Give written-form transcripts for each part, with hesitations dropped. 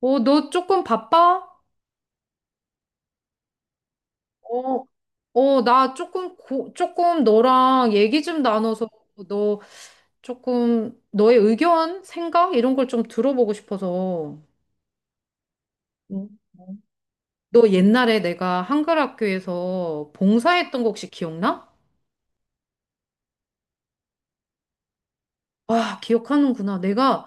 너 조금 바빠? 어, 나 조금, 조금 너랑 얘기 좀 나눠서 너 조금 너의 의견, 생각 이런 걸 좀 들어보고 싶어서. 응. 너 옛날에 내가 한글 학교에서 봉사했던 거 혹시 기억나? 아, 기억하는구나. 내가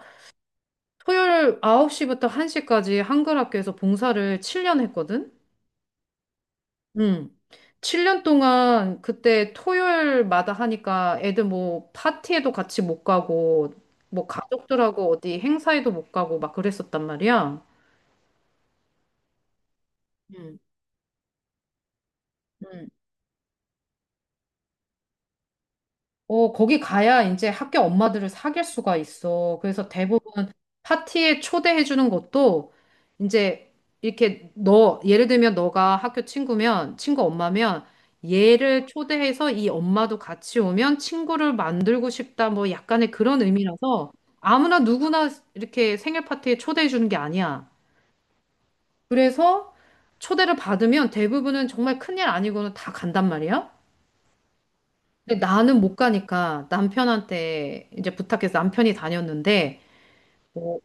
토요일 9시부터 1시까지 한글 학교에서 봉사를 7년 했거든? 음. 7년 동안 그때 토요일마다 하니까 애들 뭐 파티에도 같이 못 가고 뭐 가족들하고 어디 행사에도 못 가고 막 그랬었단 말이야. 음. 음. 어, 거기 가야 이제 학교 엄마들을 사귈 수가 있어. 그래서 대부분 파티에 초대해 주는 것도 이제 이렇게 너, 예를 들면 너가 학교 친구면, 친구 엄마면 얘를 초대해서 이 엄마도 같이 오면 친구를 만들고 싶다. 뭐 약간의 그런 의미라서 아무나 누구나 이렇게 생일 파티에 초대해 주는 게 아니야. 그래서 초대를 받으면 대부분은 정말 큰일 아니고는 다 간단 말이야. 근데 나는 못 가니까 남편한테 이제 부탁해서 남편이 다녔는데, 어,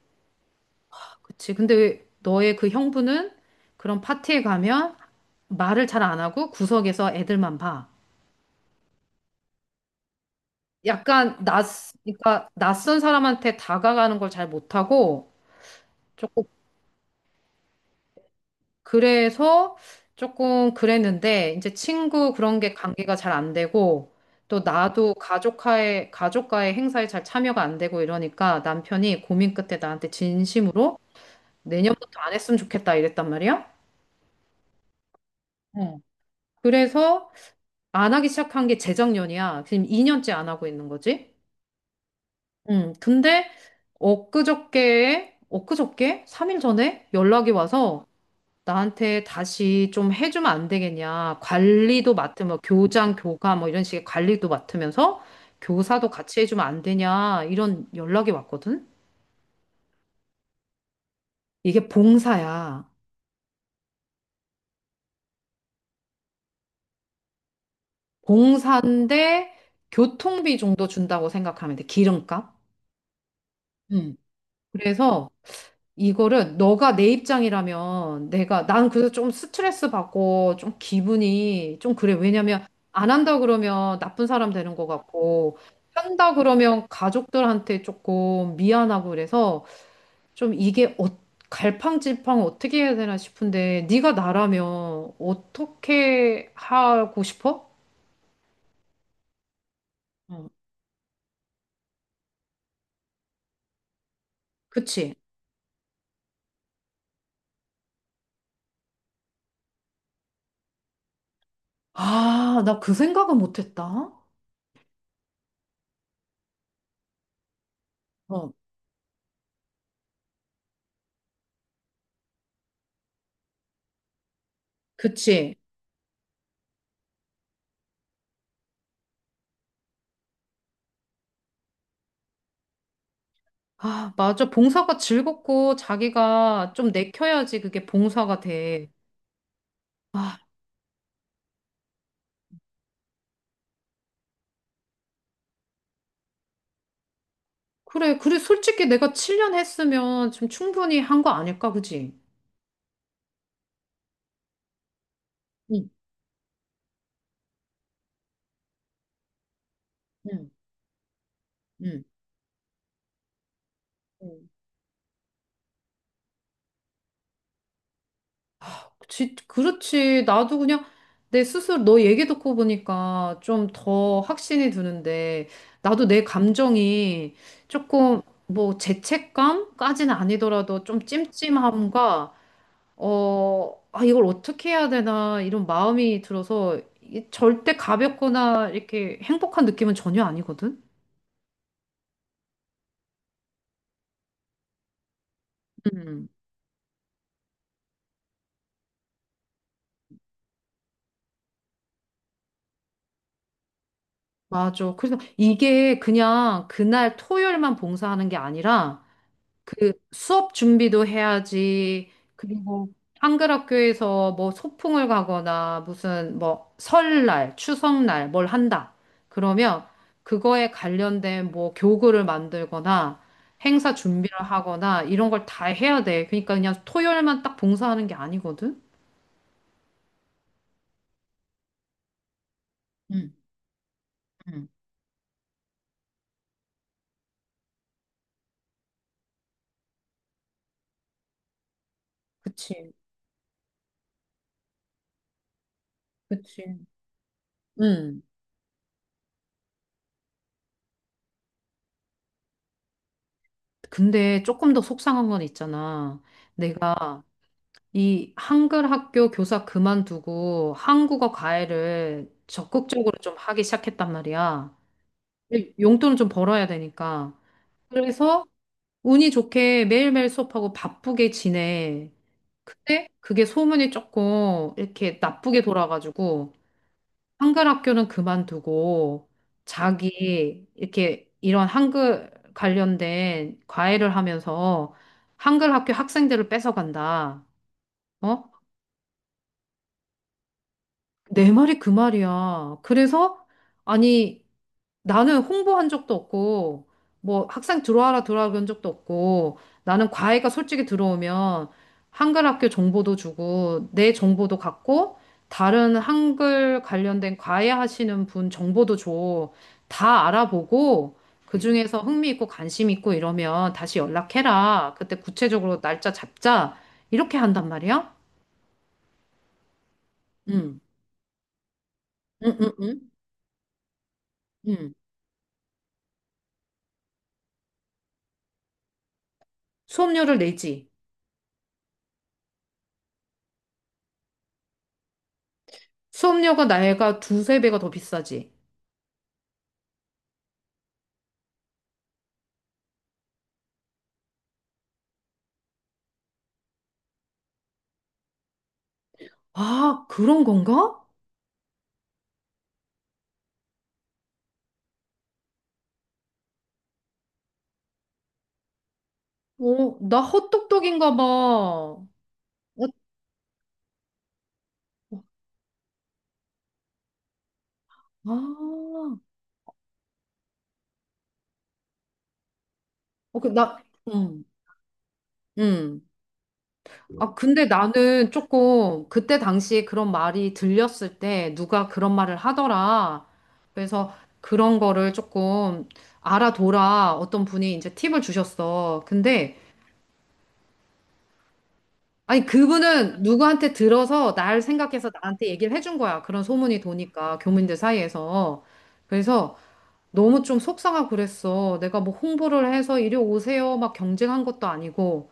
그치. 근데 너의 그 형부는 그런 파티에 가면 말을 잘 안 하고 구석에서 애들만 봐. 약간 낯, 그러니까 낯선 사람한테 다가가는 걸 잘 못하고 조금 그래서 조금 그랬는데 이제 친구 그런 게 관계가 잘 안 되고 또 나도 가족과의 행사에 잘 참여가 안 되고 이러니까 남편이 고민 끝에 나한테 진심으로 내년부터 안 했으면 좋겠다 이랬단 말이야. 어. 그래서 안 하기 시작한 게 재작년이야. 지금 2년째 안 하고 있는 거지. 근데 엊그저께? 3일 전에 연락이 와서 나한테 다시 좀 해주면 안 되겠냐. 관리도 맡으면 교장, 교감 뭐 이런 식의 관리도 맡으면서 교사도 같이 해주면 안 되냐. 이런 연락이 왔거든. 이게 봉사야. 봉사인데 교통비 정도 준다고 생각하면 돼. 기름값. 음. 그래서 이거를 너가 내 입장이라면 내가 난 그래서 좀 스트레스 받고 좀 기분이 좀 그래. 왜냐면 안 한다 그러면 나쁜 사람 되는 것 같고 한다 그러면 가족들한테 조금 미안하고 그래서 좀 이게 갈팡질팡 어떻게 해야 되나 싶은데 네가 나라면 어떻게 하고 싶어? 어, 그치? 아, 나 그 생각은 못했다. 어, 그치? 아, 맞아. 봉사가 즐겁고 자기가 좀 내켜야지 그게 봉사가 돼. 아, 그래. 그래. 솔직히 내가 7년 했으면 좀 충분히 한 거 아닐까, 그지? 응, 응, 응. 응. 그치, 그렇지. 나도 그냥 내 스스로 너 얘기 듣고 보니까 좀 더 확신이 드는데 나도 내 감정이 조금 뭐 죄책감까지는 아니더라도 좀 찜찜함과 아, 이걸 어떻게 해야 되나, 이런 마음이 들어서, 이게 절대 가볍거나 이렇게 행복한 느낌은 전혀 아니거든? 음. 맞아. 그래서 이게 그냥 그날 토요일만 봉사하는 게 아니라, 그 수업 준비도 해야지. 그리고 한글 학교에서 뭐 소풍을 가거나 무슨 뭐 설날, 추석날 뭘 한다. 그러면 그거에 관련된 뭐 교구를 만들거나 행사 준비를 하거나 이런 걸 다 해야 돼. 그러니까 그냥 토요일만 딱 봉사하는 게 아니거든. 응, 응. 그치, 그치. 응. 근데 조금 더 속상한 건 있잖아. 응, 내가 이 한글 학교 교사 그만두고 한국어 과외를 적극적으로 좀 하기 시작했단 말이야. 근데 용돈을 좀 벌어야 되니까. 그래서 운이 좋게 매일매일 수업하고 바쁘게 지내. 근데 그게 소문이 조금 이렇게 나쁘게 돌아가지고 한글 학교는 그만두고 자기 이렇게 이런 한글 관련된 과외를 하면서 한글 학교 학생들을 뺏어간다. 어? 내 말이 그 말이야. 그래서, 아니, 나는 홍보한 적도 없고, 뭐, 학생 들어와라, 들어와라 그런 적도 없고, 나는 과외가 솔직히 들어오면, 한글 학교 정보도 주고, 내 정보도 갖고, 다른 한글 관련된 과외 하시는 분 정보도 줘. 다 알아보고, 그중에서 흥미 있고 관심 있고 이러면 다시 연락해라. 그때 구체적으로 날짜 잡자. 이렇게 한단 말이야? 응, 응, 응, 응. 응. 수업료를 내지. 수업료가 나이가 두세 배가 더 비싸지. 아, 그런 건가? 어, 나 헛똑똑인가 봐. 아, 어, 그, 나, 음, 음. 아, 근데 나는 조금 그때 당시에 그런 말이 들렸을 때 누가 그런 말을 하더라. 그래서 그런 거를 조금 알아둬라. 어떤 분이 이제 팁을 주셨어. 근데 아니, 그분은 누구한테 들어서 날 생각해서 나한테 얘기를 해준 거야. 그런 소문이 도니까, 교민들 사이에서. 그래서 너무 좀 속상하고 그랬어. 내가 뭐 홍보를 해서 이리 오세요. 막 경쟁한 것도 아니고.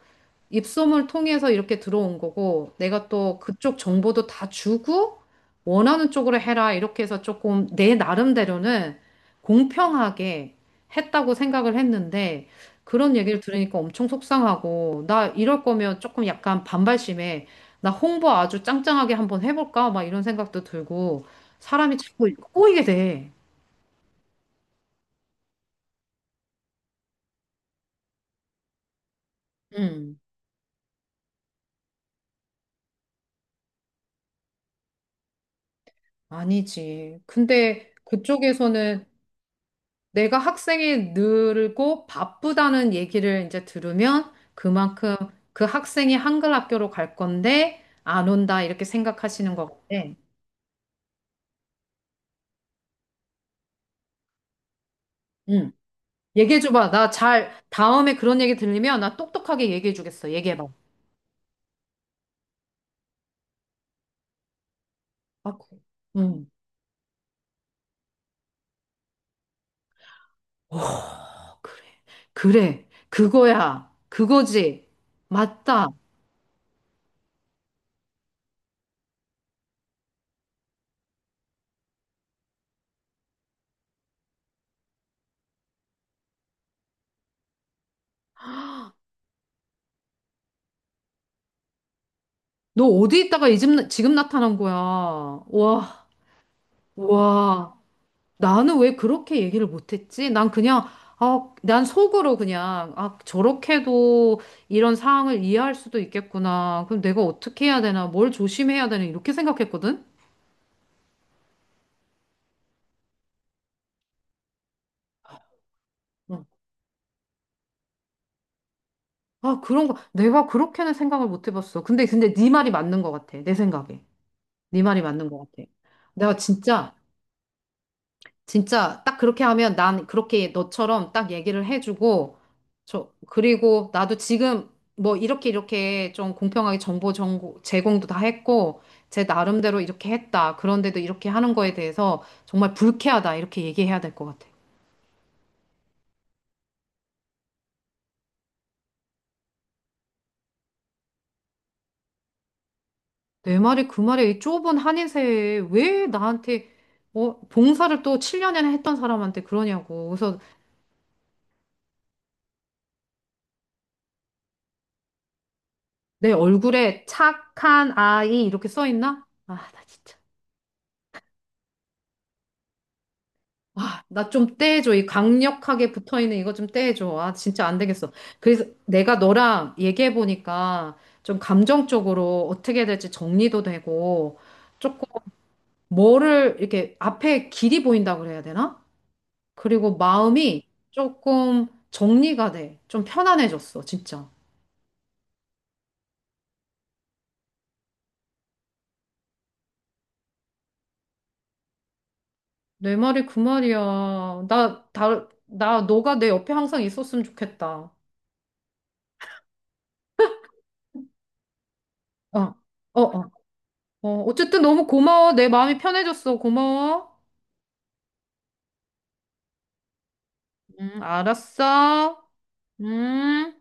입소문 통해서 이렇게 들어온 거고, 내가 또 그쪽 정보도 다 주고, 원하는 쪽으로 해라. 이렇게 해서 조금 내 나름대로는 공평하게 했다고 생각을 했는데, 그런 얘기를 들으니까 엄청 속상하고, 나 이럴 거면 조금 약간 반발심에, 나 홍보 아주 짱짱하게 한번 해볼까? 막 이런 생각도 들고, 사람이 자꾸 꼬이게 돼. 음, 아니지. 근데 그쪽에서는 내가 학생이 늘고 바쁘다는 얘기를 이제 들으면 그만큼 그 학생이 한글 학교로 갈 건데 안 온다 이렇게 생각하시는 것 같아. 응. 얘기해 줘봐. 나 잘 다음에 그런 얘기 들리면 나 똑똑하게 얘기해 주겠어. 얘기해 봐. 아, 그래. 응. 오, 그래. 그래. 그거야. 그거지. 맞다. 너 어디 있다가 이 집- 나- 지금 나타난 거야. 와, 와. 나는 왜 그렇게 얘기를 못했지? 난 그냥, 아, 난 속으로 그냥, 아, 저렇게도 이런 상황을 이해할 수도 있겠구나. 그럼 내가 어떻게 해야 되나? 뭘 조심해야 되나? 이렇게 생각했거든? 응. 아, 그런 거. 내가 그렇게는 생각을 못 해봤어. 근데 네 말이 맞는 것 같아. 내 생각에. 네 말이 맞는 것 같아. 내가 진짜 딱 그렇게 하면 난 그렇게 너처럼 딱 얘기를 해주고 저 그리고 나도 지금 뭐 이렇게 이렇게 좀 공평하게 정보 제공도 다 했고 제 나름대로 이렇게 했다. 그런데도 이렇게 하는 거에 대해서 정말 불쾌하다. 이렇게 얘기해야 될 것 같아. 내 말이 그 말이 이 좁은 한인세에 왜 나한테 봉사를 또 7년이나 했던 사람한테 그러냐고. 그래서 내 얼굴에 착한 아이 이렇게 써 있나? 아, 나 진짜. 아 나 좀 떼해줘. 이 강력하게 붙어있는 이거 좀 떼해줘. 아, 진짜 안 되겠어. 그래서 내가 너랑 얘기해보니까 좀 감정적으로 어떻게 해야 될지 정리도 되고 조금 뭐를 이렇게 앞에 길이 보인다 그래야 되나? 그리고 마음이 조금 정리가 돼. 좀 편안해졌어, 진짜. 내 말이 그 말이야. 너가 내 옆에 항상 있었으면 좋겠다. 어, 어, 어. 어, 어쨌든 너무 고마워. 내 마음이 편해졌어. 고마워. 알았어. 음.